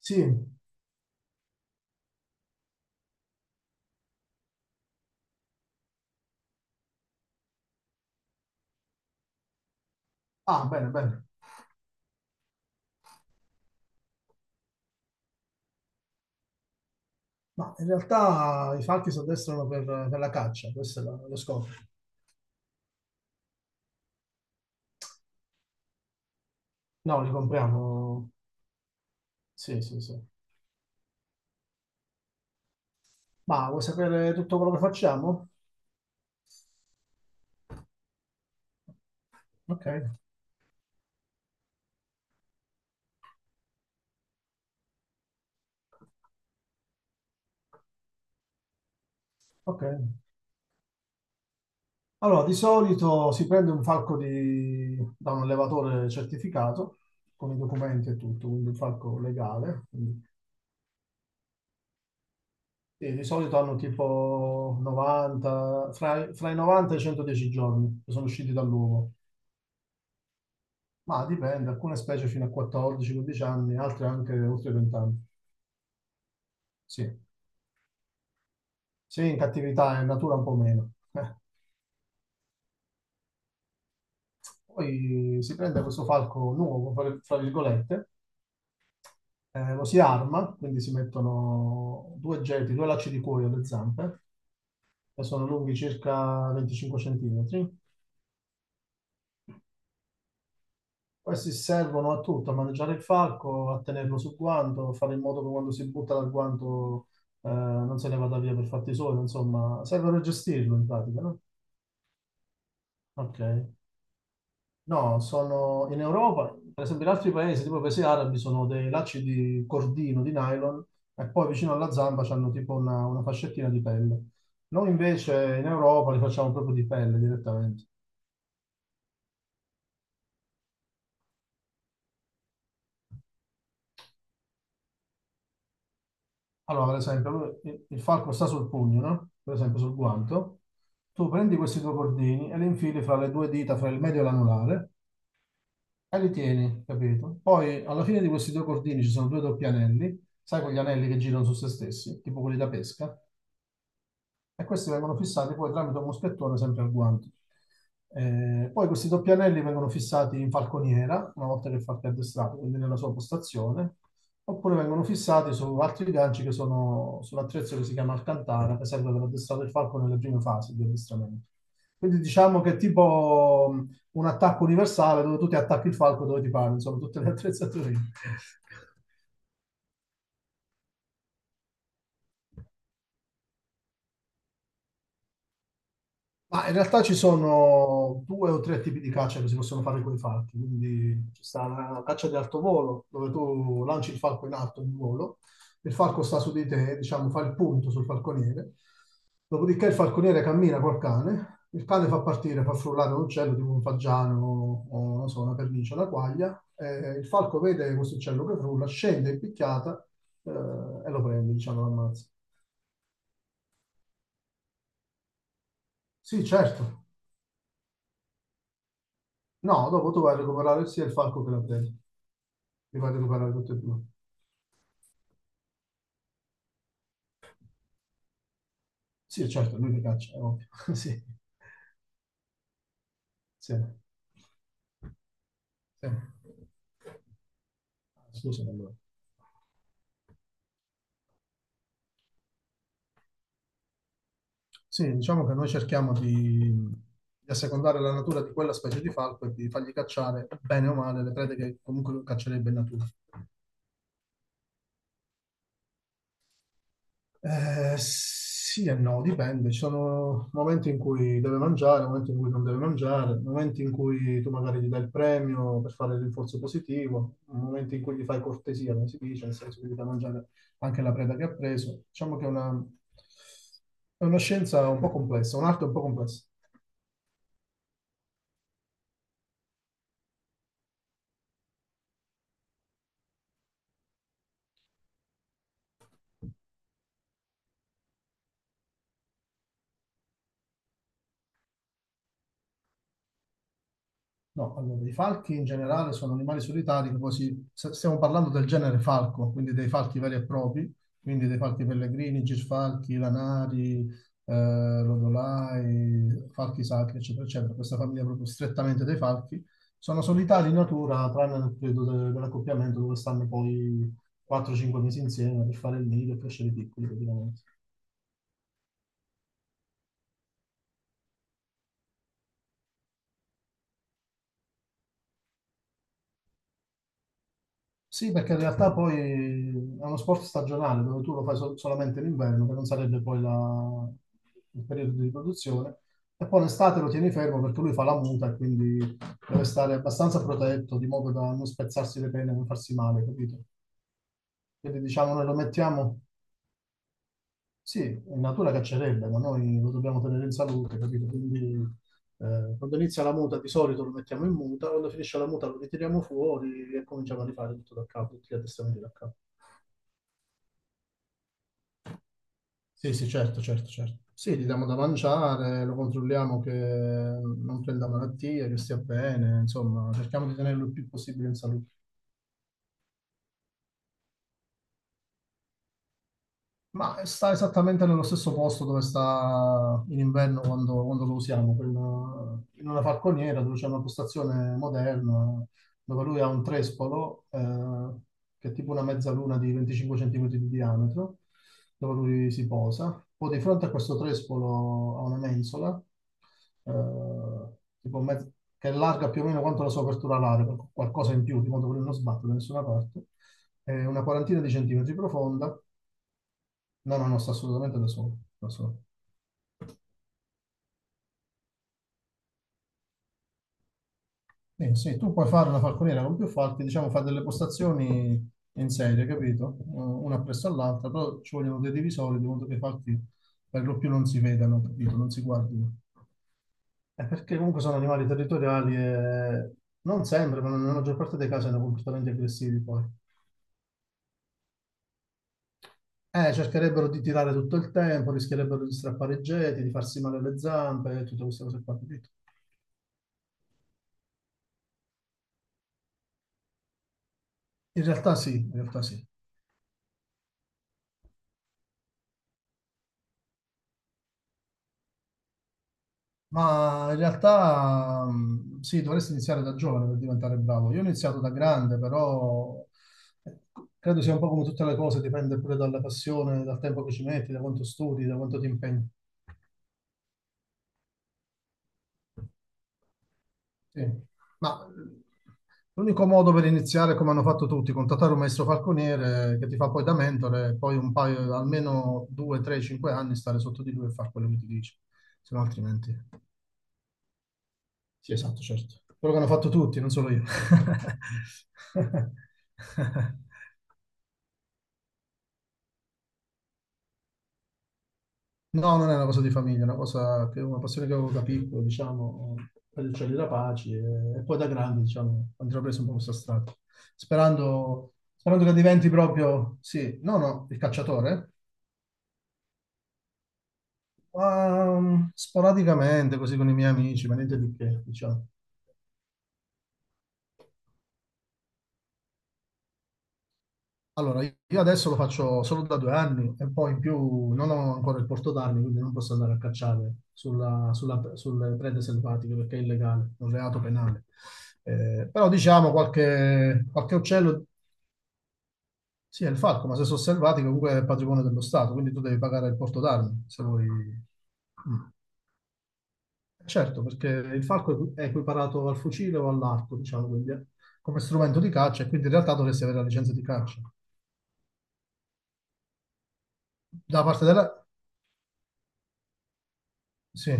Sì, ah, bene, bene. Ma in realtà i falchi si addestrano per la caccia, questo è lo scopo. No, li compriamo. Sì, sì, sì. Ma vuoi sapere tutto quello che facciamo? Ok, ok. Allora, di solito si prende un falco da un allevatore certificato, con i documenti e tutto, quindi un falco legale. Quindi- e di solito hanno tipo 90, fra i 90 e i 110 giorni che sono usciti dall'uovo. Ma dipende, alcune specie fino a 14-15 anni, altre anche oltre 20 anni. Sì, sì, in cattività è in natura un po' meno. Poi si prende questo falco nuovo, fra virgolette, lo si arma, quindi si mettono due geti, due lacci di cuoio alle zampe, che sono lunghi circa 25 centimetri. Questi servono a tutto, a maneggiare il falco, a tenerlo sul guanto, a fare in modo che quando si butta dal guanto non se ne vada via per fatti suoi, insomma, servono a gestirlo in pratica, no? Ok. No, sono in Europa, per esempio in altri paesi, tipo i paesi arabi, sono dei lacci di cordino, di nylon, e poi vicino alla zamba c'hanno tipo una fascettina di pelle. Noi invece in Europa li facciamo proprio di pelle direttamente. Allora, per esempio, il falco sta sul pugno, no? Per esempio sul guanto. Tu prendi questi due cordini e li infili fra le due dita, fra il medio e l'anulare, e li tieni, capito? Poi alla fine di questi due cordini ci sono due doppi anelli, sai quegli anelli che girano su se stessi, tipo quelli da pesca? E questi vengono fissati poi tramite un moschettone sempre al guanto. Poi questi doppi anelli vengono fissati in falconiera, una volta che il falco è addestrato, quindi nella sua postazione, oppure vengono fissati su altri ganci che sono sull'attrezzo che si chiama Alcantara, che serve per addestrare il falco nelle prime fasi di addestramento. Quindi diciamo che è tipo un attacco universale dove tu ti attacchi il falco dove ti pare, insomma, tutte le attrezzature. Ma in realtà ci sono due o tre tipi di caccia che si possono fare con i falchi, quindi ci sta la caccia di alto volo, dove tu lanci il falco in alto, in volo, il falco sta su di te, diciamo, fa il punto sul falconiere, dopodiché il falconiere cammina col cane, il cane fa partire, fa frullare un uccello tipo un fagiano o non so, una pernice, una quaglia, e il falco vede questo uccello che frulla, scende in picchiata e lo prende, diciamo, lo ammazza. Sì, certo. No, dopo tu vai a recuperare sia il falco che la preda. Li voglio recuperare tutti e due. Sì, certo, lui li caccia, è ovvio. Sì, sì, sì. Scusami allora. Sì, diciamo che noi cerchiamo di assecondare la natura di quella specie di falco e di fargli cacciare, bene o male, le prede che comunque caccerebbe in natura. Sì e no, dipende. Ci sono momenti in cui deve mangiare, momenti in cui non deve mangiare, momenti in cui tu magari gli dai il premio per fare il rinforzo positivo, momenti in cui gli fai cortesia, come si dice, nel senso che gli dai da mangiare anche la preda che ha preso. Diciamo che è una scienza un po' complessa, un'arte un po' complessa. No, allora, i falchi in generale sono animali solitari, che stiamo parlando del genere falco, quindi dei falchi veri e propri, quindi dei falchi pellegrini, gisfalchi, lanari, lodolai, falchi sacri, eccetera, eccetera. Questa famiglia proprio strettamente dei falchi. Sono solitari in natura, tranne nel periodo dell'accoppiamento, dove stanno poi 4-5 mesi insieme per fare il nido e crescere piccoli, praticamente. Sì, perché in realtà poi è uno sport stagionale dove tu lo fai solamente l'inverno, che non sarebbe poi il periodo di riproduzione, e poi l'estate lo tieni fermo perché lui fa la muta e quindi deve stare abbastanza protetto, di modo da non spezzarsi le pene, non farsi male, capito? Quindi diciamo noi lo mettiamo, sì, in natura caccerebbe, ma noi lo dobbiamo tenere in salute, capito? Quindi quando inizia la muta di solito lo mettiamo in muta, quando finisce la muta lo ritiriamo fuori e cominciamo a rifare tutto da capo, tutti gli addestramenti da capo. Sì, sì, certo, certo, certo. Sì, gli diamo da mangiare, lo controlliamo che non prenda malattie, che stia bene, insomma, cerchiamo di tenerlo il più possibile in salute. Ma sta esattamente nello stesso posto dove sta in inverno quando lo usiamo, in una falconiera dove c'è una postazione moderna, dove lui ha un trespolo che è tipo una mezzaluna di 25 centimetri di diametro, dove lui si posa. Poi di fronte a questo trespolo ha una mensola, eh, tipo mezz- che è larga più o meno quanto la sua apertura alare, qualcosa in più, di modo che lui non sbatte da nessuna parte, è una quarantina di centimetri profonda. No, no, no, sta assolutamente da solo. Da solo. Sì, tu puoi fare una falconiera con più falchi, diciamo, fare delle postazioni in serie, capito? Una appresso all'altra, però ci vogliono dei divisori di modo che i falchi per lo più non si vedano, capito? Non si guardino. È perché comunque sono animali territoriali e non sempre, ma nella maggior parte dei casi sono comportamenti aggressivi poi. Cercherebbero di tirare tutto il tempo, rischierebbero di strappare i geti, di farsi male alle zampe, tutte queste cose qua, capito? In realtà sì, in realtà sì. Ma in realtà sì, dovresti iniziare da giovane per diventare bravo. Io ho iniziato da grande, però eh, credo sia un po' come tutte le cose, dipende pure dalla passione, dal tempo che ci metti, da quanto studi, da quanto ti impegni. Sì. Ma l'unico modo per iniziare, come hanno fatto tutti, contattare un maestro falconiere che ti fa poi da mentore, e poi un paio, almeno 2, 3, 5 anni stare sotto di lui e fare quello che ti dice, se no altrimenti. Sì, esatto, certo. Quello che hanno fatto tutti, non solo io. No, non è una cosa di famiglia, è una cosa che una passione che avevo da piccolo, diciamo, per il cielo da pace e poi da grande, diciamo, ho intrapreso un po' questa strada. Sperando che diventi proprio, sì, no, no, il cacciatore, ma sporadicamente, così con i miei amici, ma niente di che, diciamo. Allora, io adesso lo faccio solo da 2 anni e poi in più non ho ancora il porto d'armi, quindi non posso andare a cacciare sulle prede selvatiche perché è illegale, è un reato penale. Però diciamo qualche uccello, sì, è il falco, ma se sono selvatiche comunque è patrimonio dello Stato, quindi tu devi pagare il porto d'armi se vuoi. Mm. Certo, perché il falco è equiparato al fucile o all'arco, diciamo, quindi, come strumento di caccia e quindi in realtà dovresti avere la licenza di caccia. Da parte della, sì,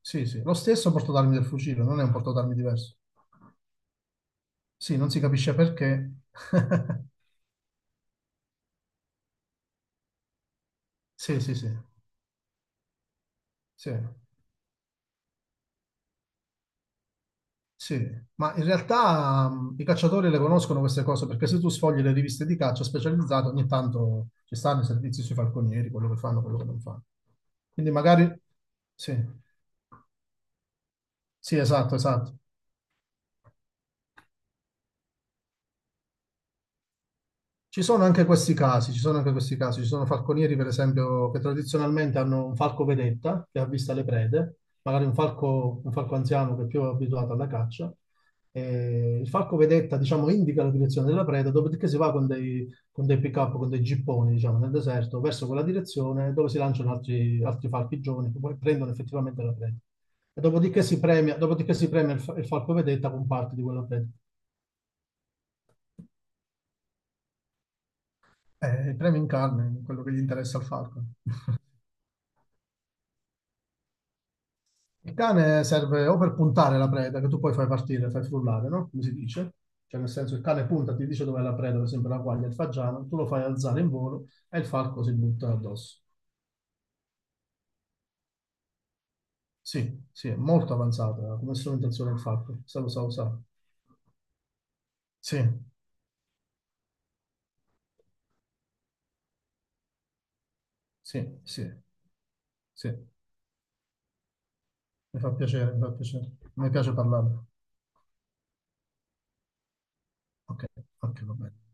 sì, sì. Lo stesso portatarmi del fucile, non è un portatarmi diverso. Sì, non si capisce perché. Sì, sì, sì, sì, sì. Ma in realtà i cacciatori le conoscono queste cose perché se tu sfogli le riviste di caccia specializzate, ogni tanto ci stanno i servizi sui falconieri, quello che fanno, quello che non fanno. Quindi magari... Sì, sì, esatto, esatto. Ci sono anche questi casi, ci sono anche questi casi, ci sono falconieri per esempio che tradizionalmente hanno un falco vedetta che avvista le prede, magari un falco anziano che è più abituato alla caccia. E il falco vedetta diciamo indica la direzione della preda, dopodiché si va con dei pick-up, con dei gipponi diciamo nel deserto verso quella direzione dove si lanciano altri falchi giovani che poi prendono effettivamente la preda. E dopodiché si premia il falco vedetta con parte di quella preda. Il premio in carne, quello che gli interessa al falco. Il cane serve o per puntare la preda, che tu poi fai partire, fai frullare, no? Come si dice? Cioè, nel senso, il cane punta, ti dice dov'è la preda, per esempio la quaglia, il fagiano, tu lo fai alzare in volo e il falco si butta addosso. Sì, sì, è molto avanzata come strumentazione il falco, se lo sa usare. Sì, sì, sì, sì, mi fa piacere, mi fa piacere. Mi piace parlarne. Ok, ok, va bene.